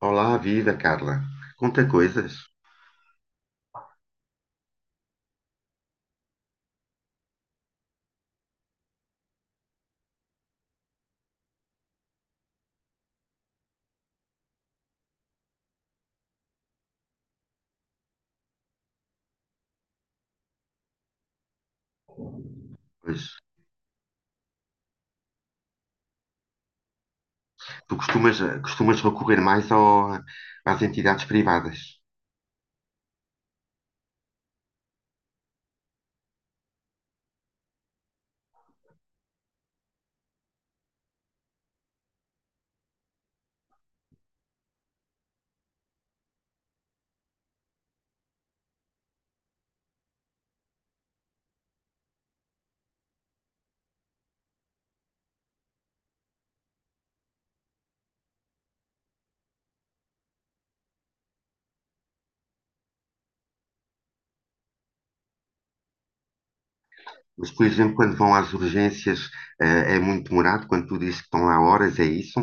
Olá, viva Carla. Conta coisas. Pois, tu costumas, costumas recorrer mais às entidades privadas. Mas, por exemplo, quando vão às urgências, é muito demorado, quando tu dizes que estão lá horas, é isso?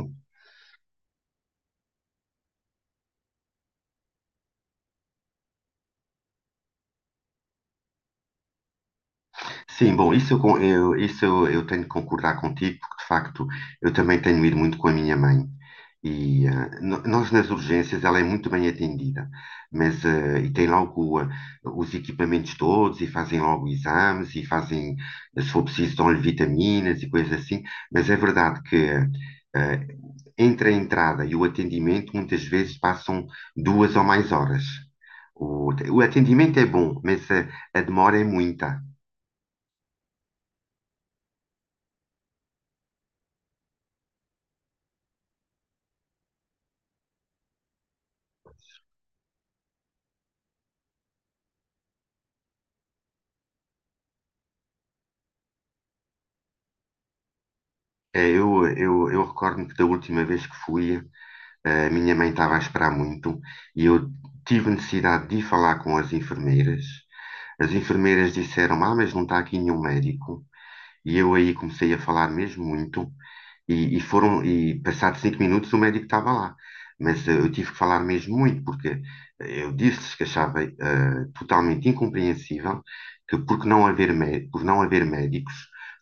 Sim, bom, isso eu, eu tenho que concordar contigo, porque de facto eu também tenho ido muito com a minha mãe. E nós nas urgências ela é muito bem atendida, mas e tem logo os equipamentos todos e fazem logo exames e fazem, se for preciso, dão-lhe vitaminas e coisas assim. Mas é verdade que eh, entre a entrada e o atendimento muitas vezes passam duas ou mais horas. O atendimento é bom, mas a demora é muita. É, eu recordo-me que da última vez que fui, a minha mãe estava a esperar muito e eu tive necessidade de ir falar com as enfermeiras. As enfermeiras disseram, ah, mas não está aqui nenhum médico. E eu aí comecei a falar mesmo muito. E passados cinco minutos o médico estava lá. Mas eu tive que falar mesmo muito, porque eu disse-lhes que achava totalmente incompreensível que, por que não haver, mé- por não haver médicos,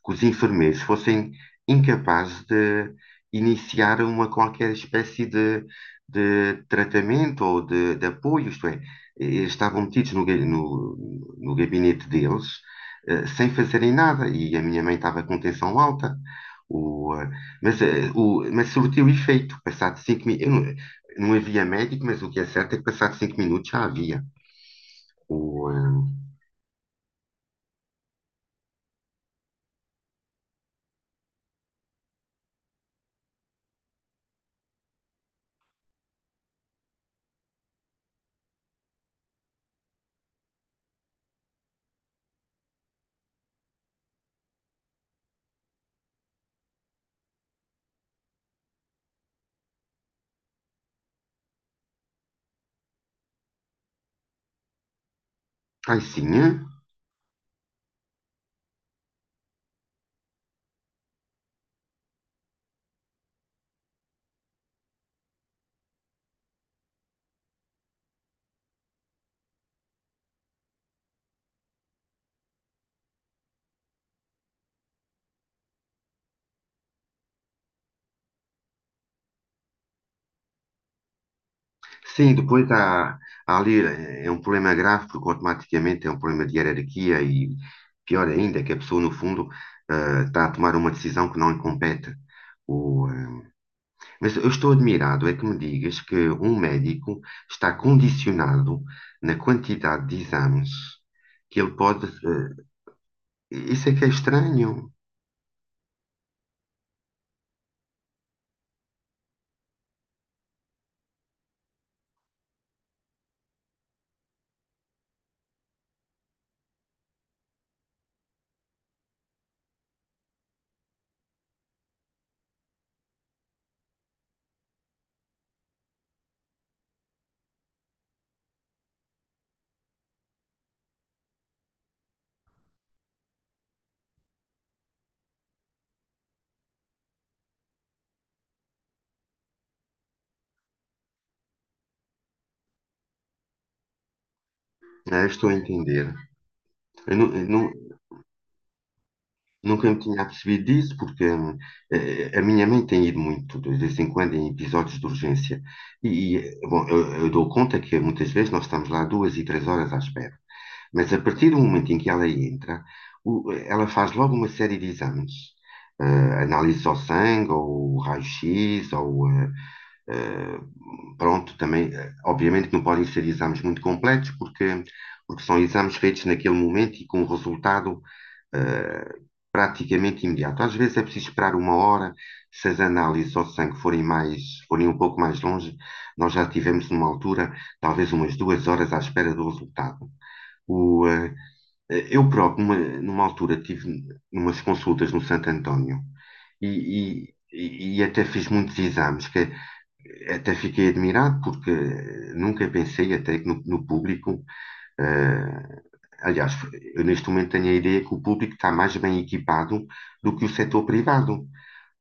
que os enfermeiros fossem incapazes de iniciar uma qualquer espécie de tratamento ou de apoio, isto é, eles estavam metidos no gabinete deles sem fazerem nada. E a minha mãe estava com tensão alta. O, eh, mas, eh, o, Mas surtiu efeito. Passado cinco minutos. Não, não havia médico, mas o que é certo é que passado cinco minutos já havia. O, eh, Ai, sim. Eh? Sim, depois há, há ali. É um problema grave, porque automaticamente é um problema de hierarquia e pior ainda, que a pessoa, no fundo, está a tomar uma decisão que não lhe compete. O, eh, Mas eu estou admirado é que me digas que um médico está condicionado na quantidade de exames que ele pode. Isso é que é estranho. Ah, estou a entender. Eu, nu- eu nu- Nunca me tinha apercebido disso, porque a minha mãe tem ido muito, de vez em quando, em episódios de urgência. Bom, eu dou conta que muitas vezes nós estamos lá duas e três horas à espera. Mas a partir do momento em que ela entra, ela faz logo uma série de exames. Análise ao sangue, ou raio-x, ou eh, pronto, também, obviamente que não podem ser exames muito completos, porque, porque são exames feitos naquele momento e com um resultado eh, praticamente imediato. Às vezes é preciso esperar uma hora, se as análises ao sangue forem mais, forem um pouco mais longe, nós já tivemos numa altura, talvez umas duas horas à espera do resultado. O, eh, Eu próprio, numa altura, tive umas consultas no Santo António e, e até fiz muitos exames, que até fiquei admirado porque nunca pensei até que no público, eh, aliás, eu neste momento tenho a ideia que o público está mais bem equipado do que o setor privado.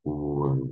O,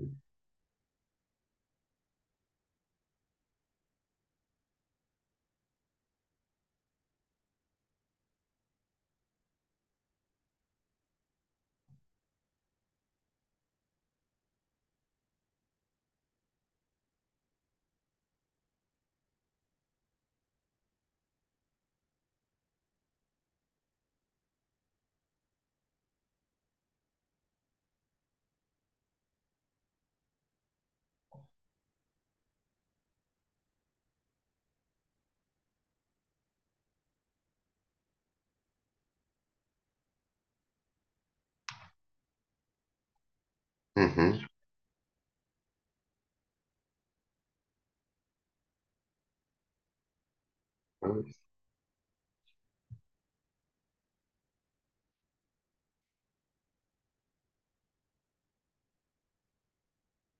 uhum,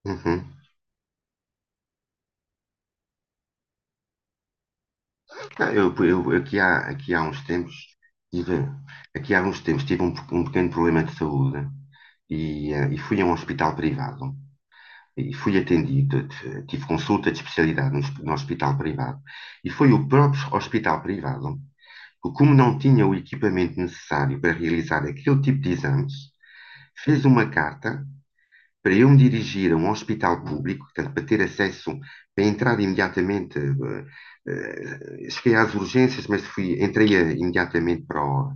uhum. Aqui há uns tempos tive, aqui há uns tempos tive um, um pequeno problema de saúde e fui a um hospital privado e fui atendido, tive consulta de especialidade no hospital privado. E foi o próprio hospital privado que, como não tinha o equipamento necessário para realizar aquele tipo de exames, fez uma carta para eu me dirigir a um hospital público, portanto, para ter acesso, para entrar imediatamente. Cheguei às urgências, mas fui, entrei imediatamente para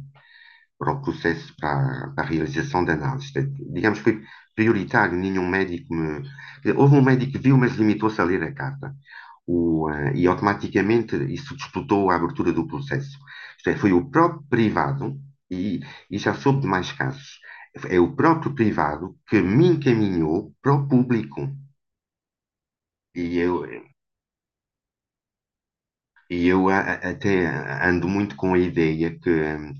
para o processo, para para a realização da análise. Digamos que foi prioritário, nenhum médico me, quer dizer, houve um médico que viu, mas limitou-se a ler a carta. E automaticamente isso disputou a abertura do processo. Isto é, foi o próprio privado, e, e já soube de mais casos, é o próprio privado que me encaminhou para o público. E eu, até ando muito com a ideia que hum,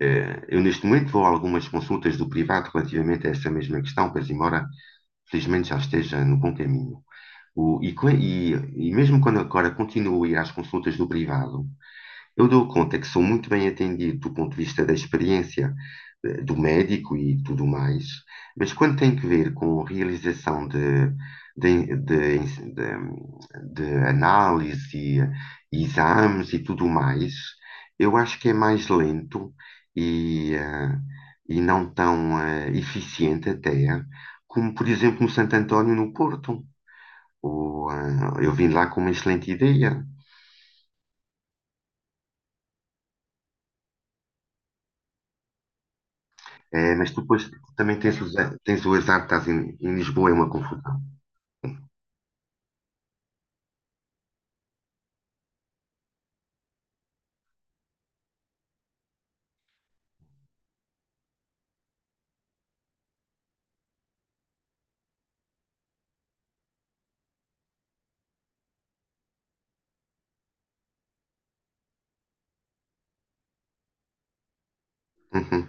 eh, eu neste momento vou a algumas consultas do privado relativamente a essa mesma questão, pois embora felizmente já esteja no bom caminho. O- e, co- e- e mesmo quando agora continuo a ir às consultas do privado, eu dou conta que sou muito bem atendido do ponto de vista da experiência do médico e tudo mais, mas quando tem que ver com a realização de, de, de- de análise e exames e tudo mais, eu acho que é mais lento e, eh, e não tão eficiente até, como por exemplo no Santo António no Porto. Eu vim lá com uma excelente ideia. É, mas tu depois também tens o azar de estás em, em Lisboa, é uma confusão. Uhum.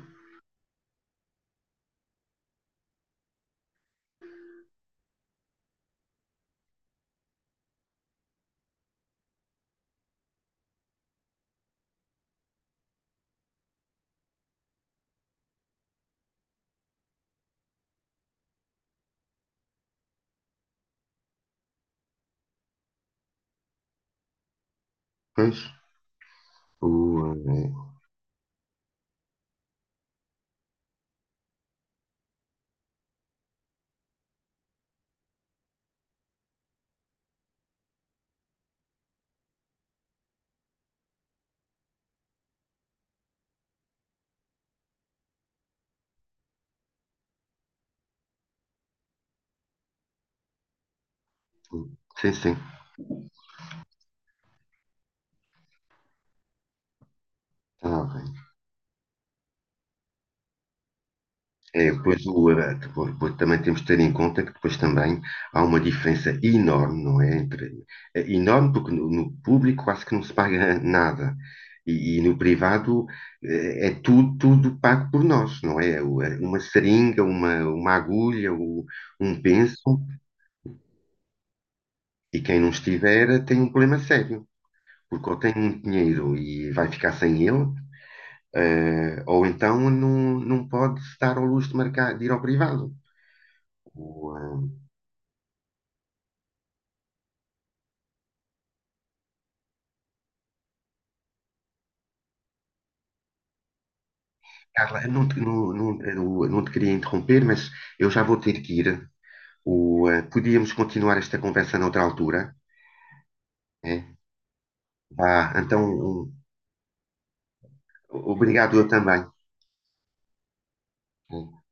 Pois, o, eh, o- Sim, sim, está bem. É, depois, depois, depois também temos de ter em conta que depois também há uma diferença enorme, não é? Entre, é enorme porque no público quase que não se paga nada. E no privado é tudo, tudo pago por nós, não é? Uma seringa, uma agulha, um penso, e quem não estiver tem um problema sério. Porque ou tem muito dinheiro e vai ficar sem ele, ou então não, não pode se dar ao luxo de, marcar, de ir ao privado. O, eh, Carla, eu não te, não, não, eu não te queria interromper, mas eu já vou ter que ir. Podíamos continuar esta conversa noutra altura. É? Vá, então, obrigado eu também. Né?